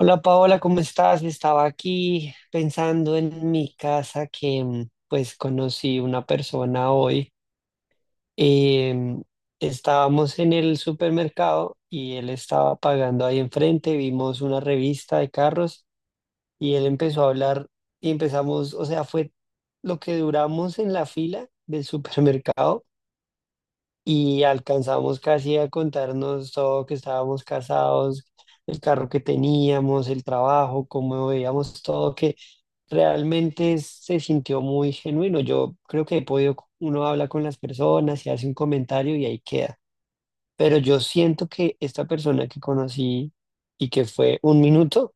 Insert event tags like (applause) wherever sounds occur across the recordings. Hola Paola, ¿cómo estás? Estaba aquí pensando en mi casa que pues conocí una persona hoy. Em, Estábamos en el supermercado y él estaba pagando ahí enfrente, vimos una revista de carros y él empezó a hablar y empezamos, o sea, fue lo que duramos en la fila del supermercado y alcanzamos casi a contarnos todo, que estábamos casados, el carro que teníamos, el trabajo, cómo veíamos todo, que realmente se sintió muy genuino. Yo creo que he podido, uno habla con las personas y hace un comentario y ahí queda. Pero yo siento que esta persona que conocí y que fue un minuto,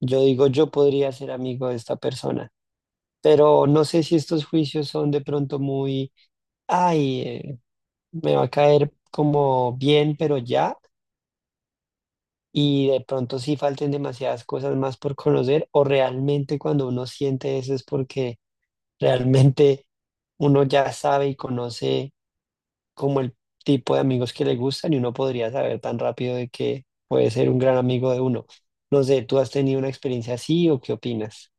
yo digo, yo podría ser amigo de esta persona. Pero no sé si estos juicios son de pronto muy, ay, me va a caer como bien, pero ya, y de pronto sí falten demasiadas cosas más por conocer, o realmente cuando uno siente eso es porque realmente uno ya sabe y conoce como el tipo de amigos que le gustan y uno podría saber tan rápido de que puede ser un gran amigo de uno. No sé, ¿tú has tenido una experiencia así o qué opinas?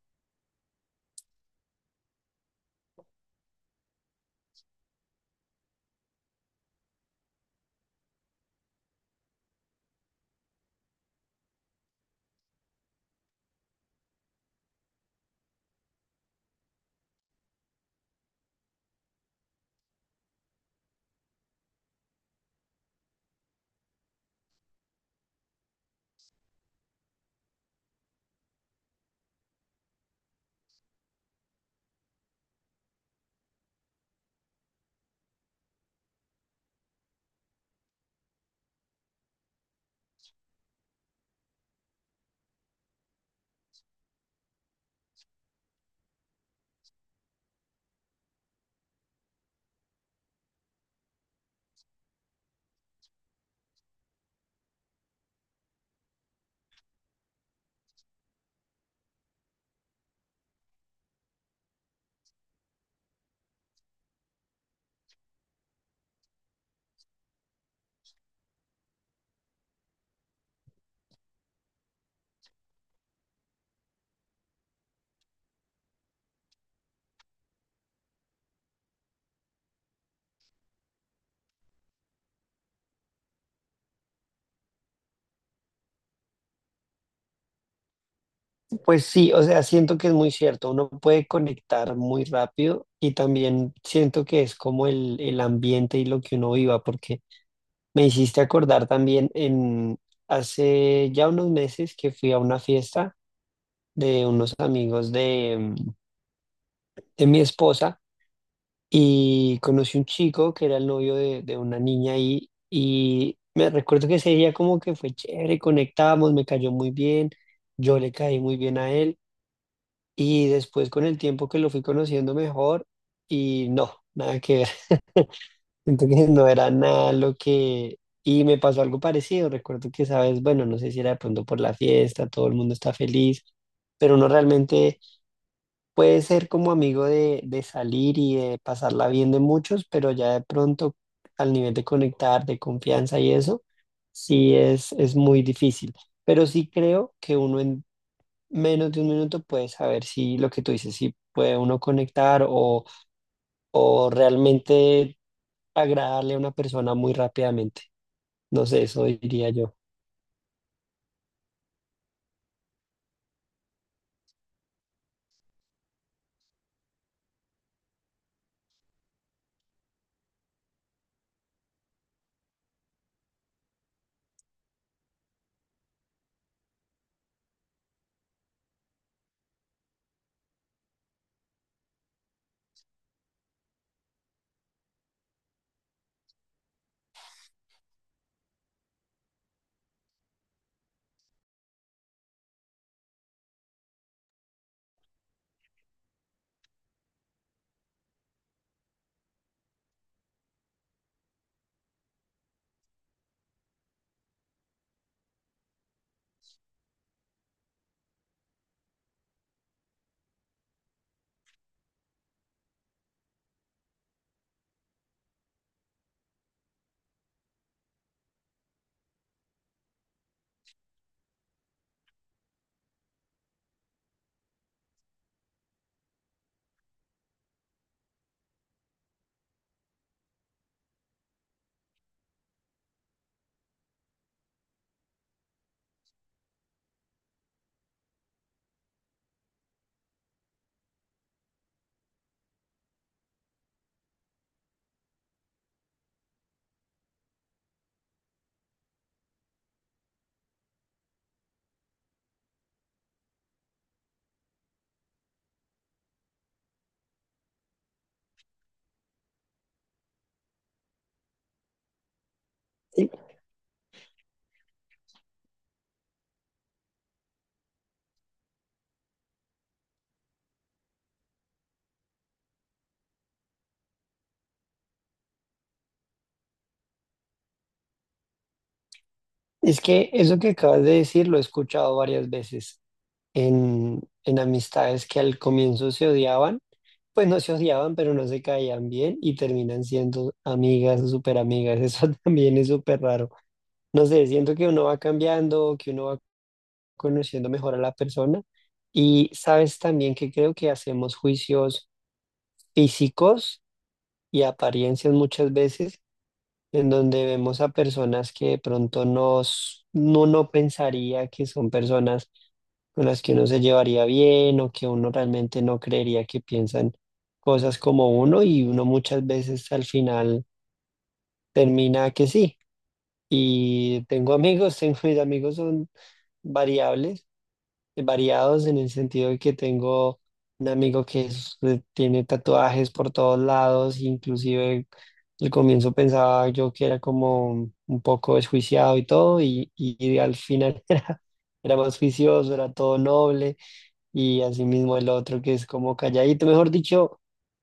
Pues sí, o sea, siento que es muy cierto, uno puede conectar muy rápido y también siento que es como el ambiente y lo que uno viva, porque me hiciste acordar también en hace ya unos meses que fui a una fiesta de unos amigos de, de mi esposa y conocí un chico que era el novio de una niña ahí y me recuerdo que ese día como que fue chévere, conectamos, me cayó muy bien, yo le caí muy bien a él y después con el tiempo que lo fui conociendo mejor y no, nada que ver. (laughs) Siento que no era nada lo que... Y me pasó algo parecido. Recuerdo que, sabes, bueno, no sé si era de pronto por la fiesta, todo el mundo está feliz, pero uno realmente puede ser como amigo de salir y de pasarla bien de muchos, pero ya de pronto al nivel de conectar, de confianza y eso, sí es muy difícil. Pero sí creo que uno en menos de un minuto puede saber si lo que tú dices, si puede uno conectar o realmente agradarle a una persona muy rápidamente. No sé, eso diría yo. Y es que eso que acabas de decir lo he escuchado varias veces en amistades que al comienzo se odiaban, pues no se odiaban, pero no se caían bien y terminan siendo amigas o súper amigas. (laughs) Eso también es súper raro. No sé, siento que uno va cambiando, que uno va conociendo mejor a la persona y sabes también que creo que hacemos juicios físicos y apariencias muchas veces en donde vemos a personas que de pronto nos, no, no pensaría que son personas con las que uno se llevaría bien o que uno realmente no creería que piensan cosas como uno y uno muchas veces al final termina que sí. Y tengo amigos, (laughs) tengo mis amigos son variables variados en el sentido de que tengo un amigo que tiene tatuajes por todos lados, inclusive al comienzo pensaba yo que era como un poco desjuiciado y todo, y al final (laughs) era, era más juicioso, era todo noble, y asimismo el otro que es como calladito, mejor dicho.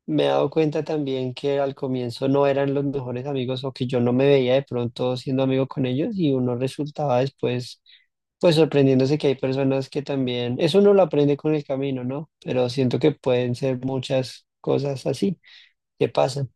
Me he dado cuenta también que al comienzo no eran los mejores amigos o que yo no me veía de pronto siendo amigo con ellos y uno resultaba después pues sorprendiéndose que hay personas que también, eso uno lo aprende con el camino, ¿no? Pero siento que pueden ser muchas cosas así que pasan.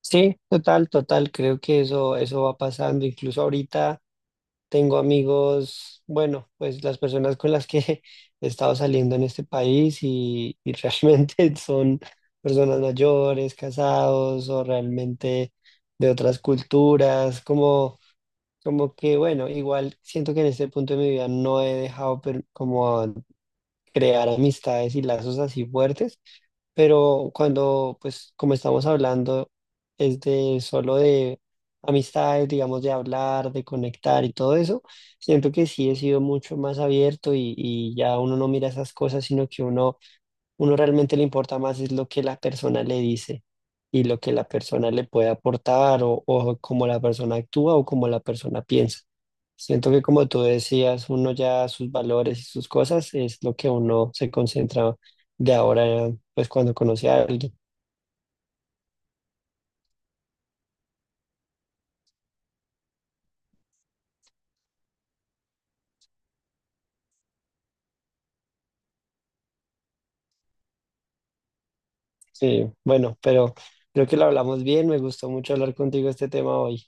Sí, total, total, creo que eso va pasando. Incluso ahorita tengo amigos, bueno, pues las personas con las que (laughs) he estado saliendo en este país y realmente (laughs) son personas mayores, casados o realmente de otras culturas, como... Como que, bueno, igual siento que en este punto de mi vida no he dejado como crear amistades y lazos así fuertes, pero cuando, pues, como estamos hablando, es de solo de amistades, digamos, de hablar, de conectar y todo eso, siento que sí he sido mucho más abierto y ya uno no mira esas cosas, sino que uno... Uno realmente le importa más es lo que la persona le dice y lo que la persona le puede aportar o cómo la persona actúa o cómo la persona piensa. Siento que como tú decías, uno ya sus valores y sus cosas es lo que uno se concentra de ahora, pues cuando conoce a alguien. Sí, bueno, pero creo que lo hablamos bien, me gustó mucho hablar contigo este tema hoy.